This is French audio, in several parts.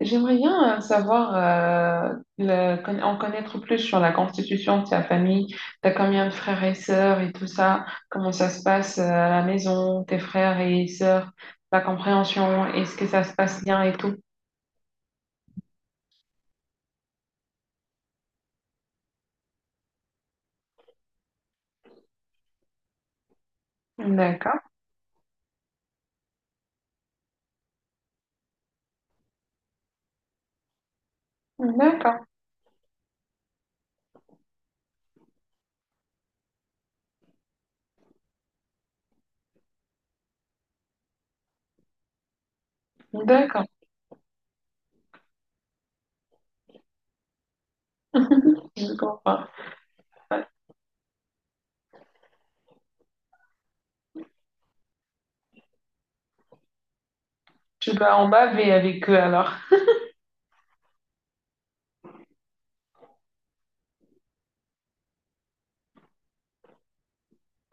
J'aimerais bien savoir, en connaître plus sur la constitution de ta famille. T'as combien de frères et sœurs et tout ça? Comment ça se passe à la maison, tes frères et sœurs, la compréhension, est-ce que ça se passe bien et tout? D'accord, d'accord, d'accord, je comprends. Tu dois en baver avec eux alors.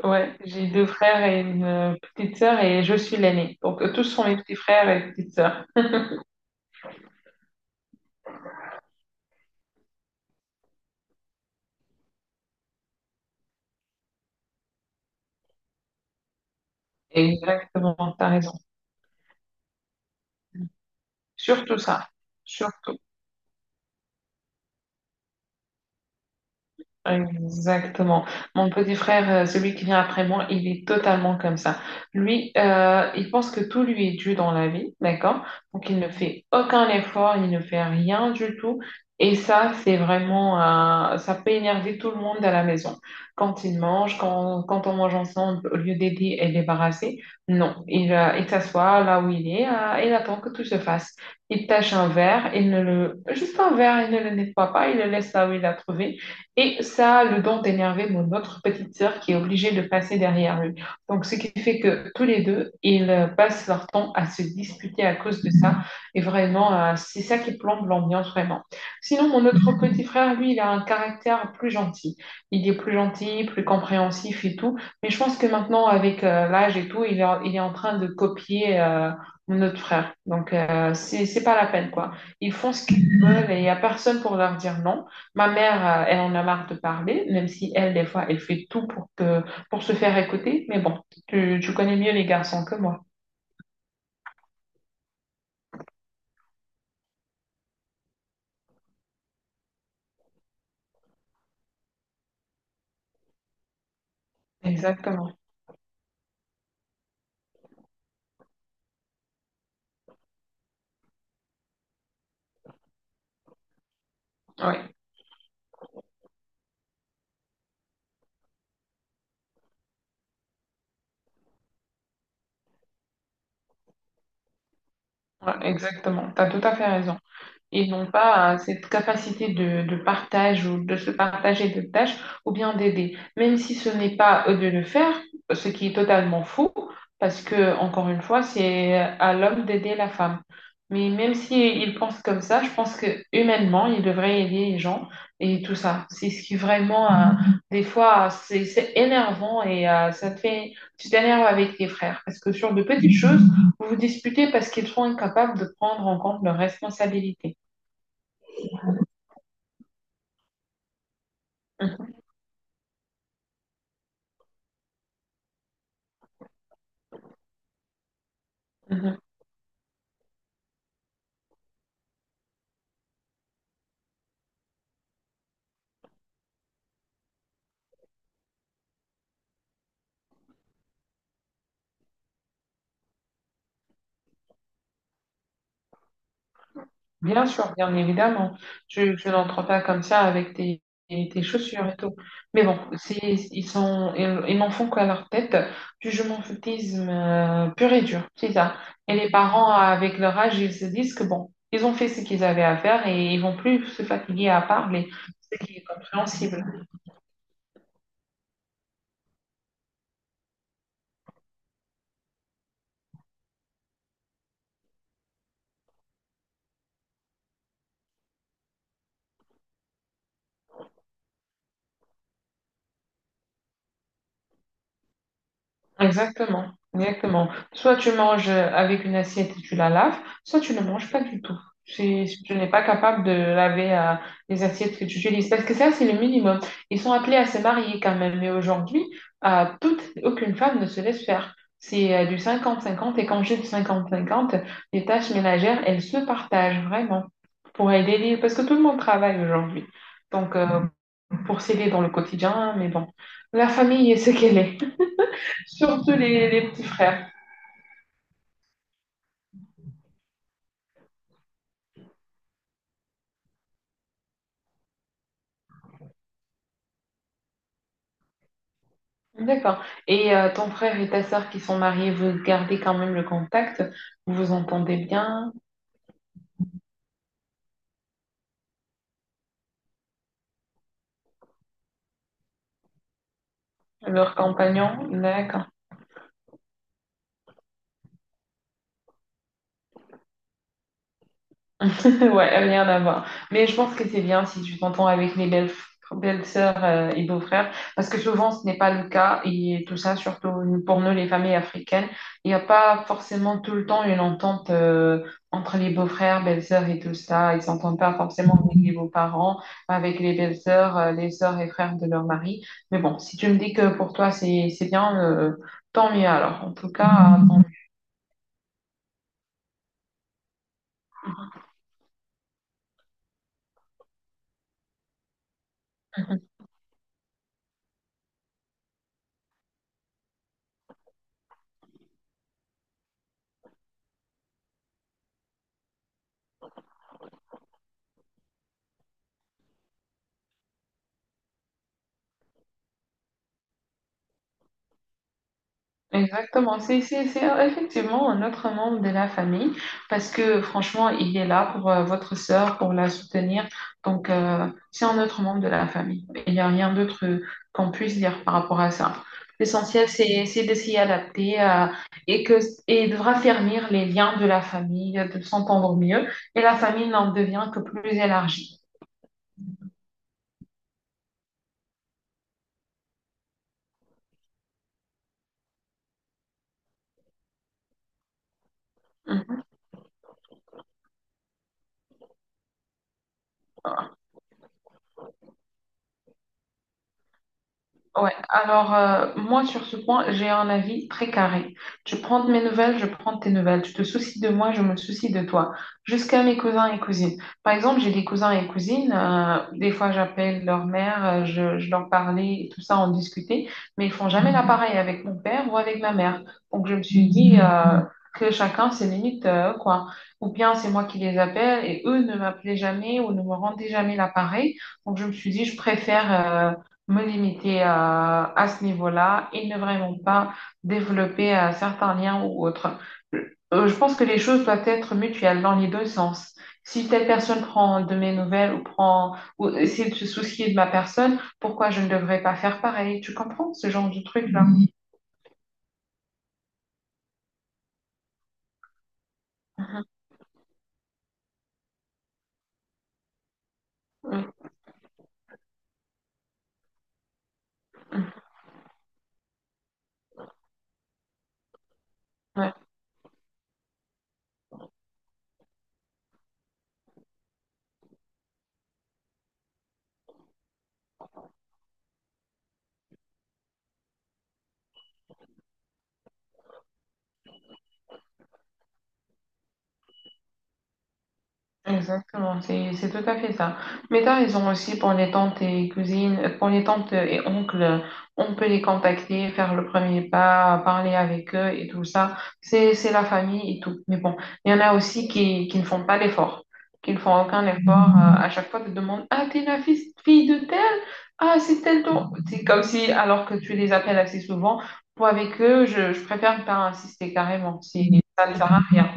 Ouais, j'ai deux frères et une petite sœur et je suis l'aînée. Donc tous sont mes petits frères et petites sœurs. Exactement, t'as raison. Surtout ça, surtout. Exactement. Mon petit frère, celui qui vient après moi, il est totalement comme ça. Lui, il pense que tout lui est dû dans la vie, d'accord? Donc il ne fait aucun effort, il ne fait rien du tout. Et ça, c'est vraiment, ça peut énerver tout le monde à la maison. Quand il mange, quand on mange ensemble, au lieu d'aider et débarrasser, non, il s'assoit là où il est et il attend que tout se fasse. Il tâche un verre, il ne le, juste un verre, il ne le nettoie pas, il le laisse là où il l'a trouvé. Et ça le don d'énerver mon autre petite sœur qui est obligée de passer derrière lui. Donc, ce qui fait que tous les deux, ils passent leur temps à se disputer à cause de ça. Et vraiment, c'est ça qui plombe l'ambiance vraiment. Sinon, mon autre petit frère, lui, il a un caractère plus gentil. Il est plus gentil, plus compréhensif et tout. Mais je pense que maintenant, avec l'âge et tout, il est en train de copier mon autre frère. Donc, c'est pas la peine, quoi. Ils font ce qu'ils veulent et il n'y a personne pour leur dire non. Ma mère, elle en a marre de parler, même si elle, des fois, elle fait tout pour pour se faire écouter. Mais bon, tu connais mieux les garçons que moi. Exactement. Oui, ouais, exactement. Tu as tout à fait raison. Et non pas à cette capacité de partage ou de se partager de tâches ou bien d'aider. Même si ce n'est pas eux de le faire, ce qui est totalement faux, parce que, encore une fois, c'est à l'homme d'aider la femme. Mais même s'ils pensent comme ça, je pense que humainement, ils devraient aider les gens et tout ça. C'est ce qui vraiment, des fois, c'est énervant et ça te fait, tu t'énerves avec tes frères. Parce que sur de petites choses, vous vous disputez parce qu'ils sont incapables de prendre en compte leurs responsabilités. Mhm, mhm. Bien sûr, bien évidemment. Je n'entres pas comme ça avec tes, tes chaussures et tout. Mais bon, ils n'en font qu'à leur tête du jumentisme pur et dur, c'est ça. Et les parents, avec leur âge, ils se disent que bon, ils ont fait ce qu'ils avaient à faire et ils vont plus se fatiguer à parler, ce qui est compréhensible. Exactement, exactement. Soit tu manges avec une assiette et tu la laves, soit tu ne manges pas du tout. Si tu n'es pas capable de laver les assiettes que tu utilises, parce que ça, c'est le minimum. Ils sont appelés à se marier quand même, mais aujourd'hui, aucune femme ne se laisse faire. C'est du cinquante-cinquante et quand j'ai du cinquante-cinquante, les tâches ménagères, elles se partagent vraiment pour aider les... Parce que tout le monde travaille aujourd'hui. Donc, pour s'aider dans le quotidien, mais bon, la famille est ce qu'elle est. Surtout les petits frères. D'accord. Et ton frère et ta sœur qui sont mariés, vous gardez quand même le contact? Vous vous entendez bien? Leur compagnon? D'accord. Ouais, rien à voir. Mais je pense que c'est bien si tu t'entends avec belles-sœurs et beaux-frères, parce que souvent ce n'est pas le cas, et tout ça, surtout pour nous, les familles africaines, il n'y a pas forcément tout le temps une entente entre les beaux-frères, belles-sœurs et tout ça. Ils s'entendent pas forcément avec les beaux-parents, avec les belles-sœurs, les sœurs et frères de leur mari. Mais bon, si tu me dis que pour toi c'est bien, tant mieux alors. En tout cas, tant mieux. Exactement, c'est effectivement un autre membre de la famille parce que franchement, il est là pour votre sœur, pour la soutenir. Donc, c'est un autre membre de la famille. Il n'y a rien d'autre qu'on puisse dire par rapport à ça. L'essentiel, c'est de s'y adapter et, que, et de raffermir les liens de la famille, de s'entendre mieux. Et la famille n'en devient que plus élargie. Ouais, alors moi sur ce point, j'ai un avis très carré. Tu prends de mes nouvelles, je prends de tes nouvelles. Tu te soucies de moi, je me soucie de toi. Jusqu'à mes cousins et cousines. Par exemple, j'ai des cousins et cousines. Des fois, j'appelle leur mère, je leur parlais et tout ça, on discutait. Mais ils font jamais la pareille avec mon père ou avec ma mère. Donc je me suis dit que chacun ses limites, quoi. Ou bien c'est moi qui les appelle et eux ne m'appelaient jamais ou ne me rendaient jamais l'appareil. Donc je me suis dit, je préfère... me limiter à ce niveau-là et ne vraiment pas développer certains liens ou autres. Je pense que les choses doivent être mutuelles dans les deux sens. Si telle personne prend de mes nouvelles ou prend ou essaie de se soucier de ma personne, pourquoi je ne devrais pas faire pareil? Tu comprends ce genre de truc-là? Mhm. Mhm. Exactement, c'est tout à fait ça. Mais t'as raison aussi pour les tantes et cousines, pour les tantes et oncles, on peut les contacter, faire le premier pas, parler avec eux et tout ça. C'est la famille et tout. Mais bon, il y en a aussi qui ne font pas l'effort, qui ne font aucun effort. À chaque fois, tu te demandes, ah, t'es la fille, fille de tel? Ah, c'est tel ton. C'est comme si, alors que tu les appelles assez souvent, pour avec eux, je préfère ne pas insister carrément. Si ça ne sert à rien.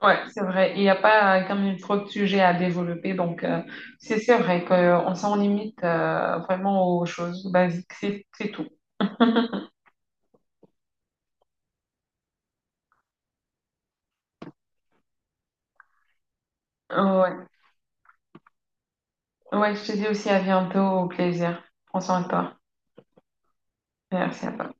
Ouais, c'est vrai. Il n'y a pas comme une trop de sujets à développer. Donc, c'est vrai qu'on s'en limite vraiment aux choses basiques. C'est tout. Ouais. Ouais, je te dis aussi à bientôt. Au plaisir. Prends soin de toi. Merci à toi.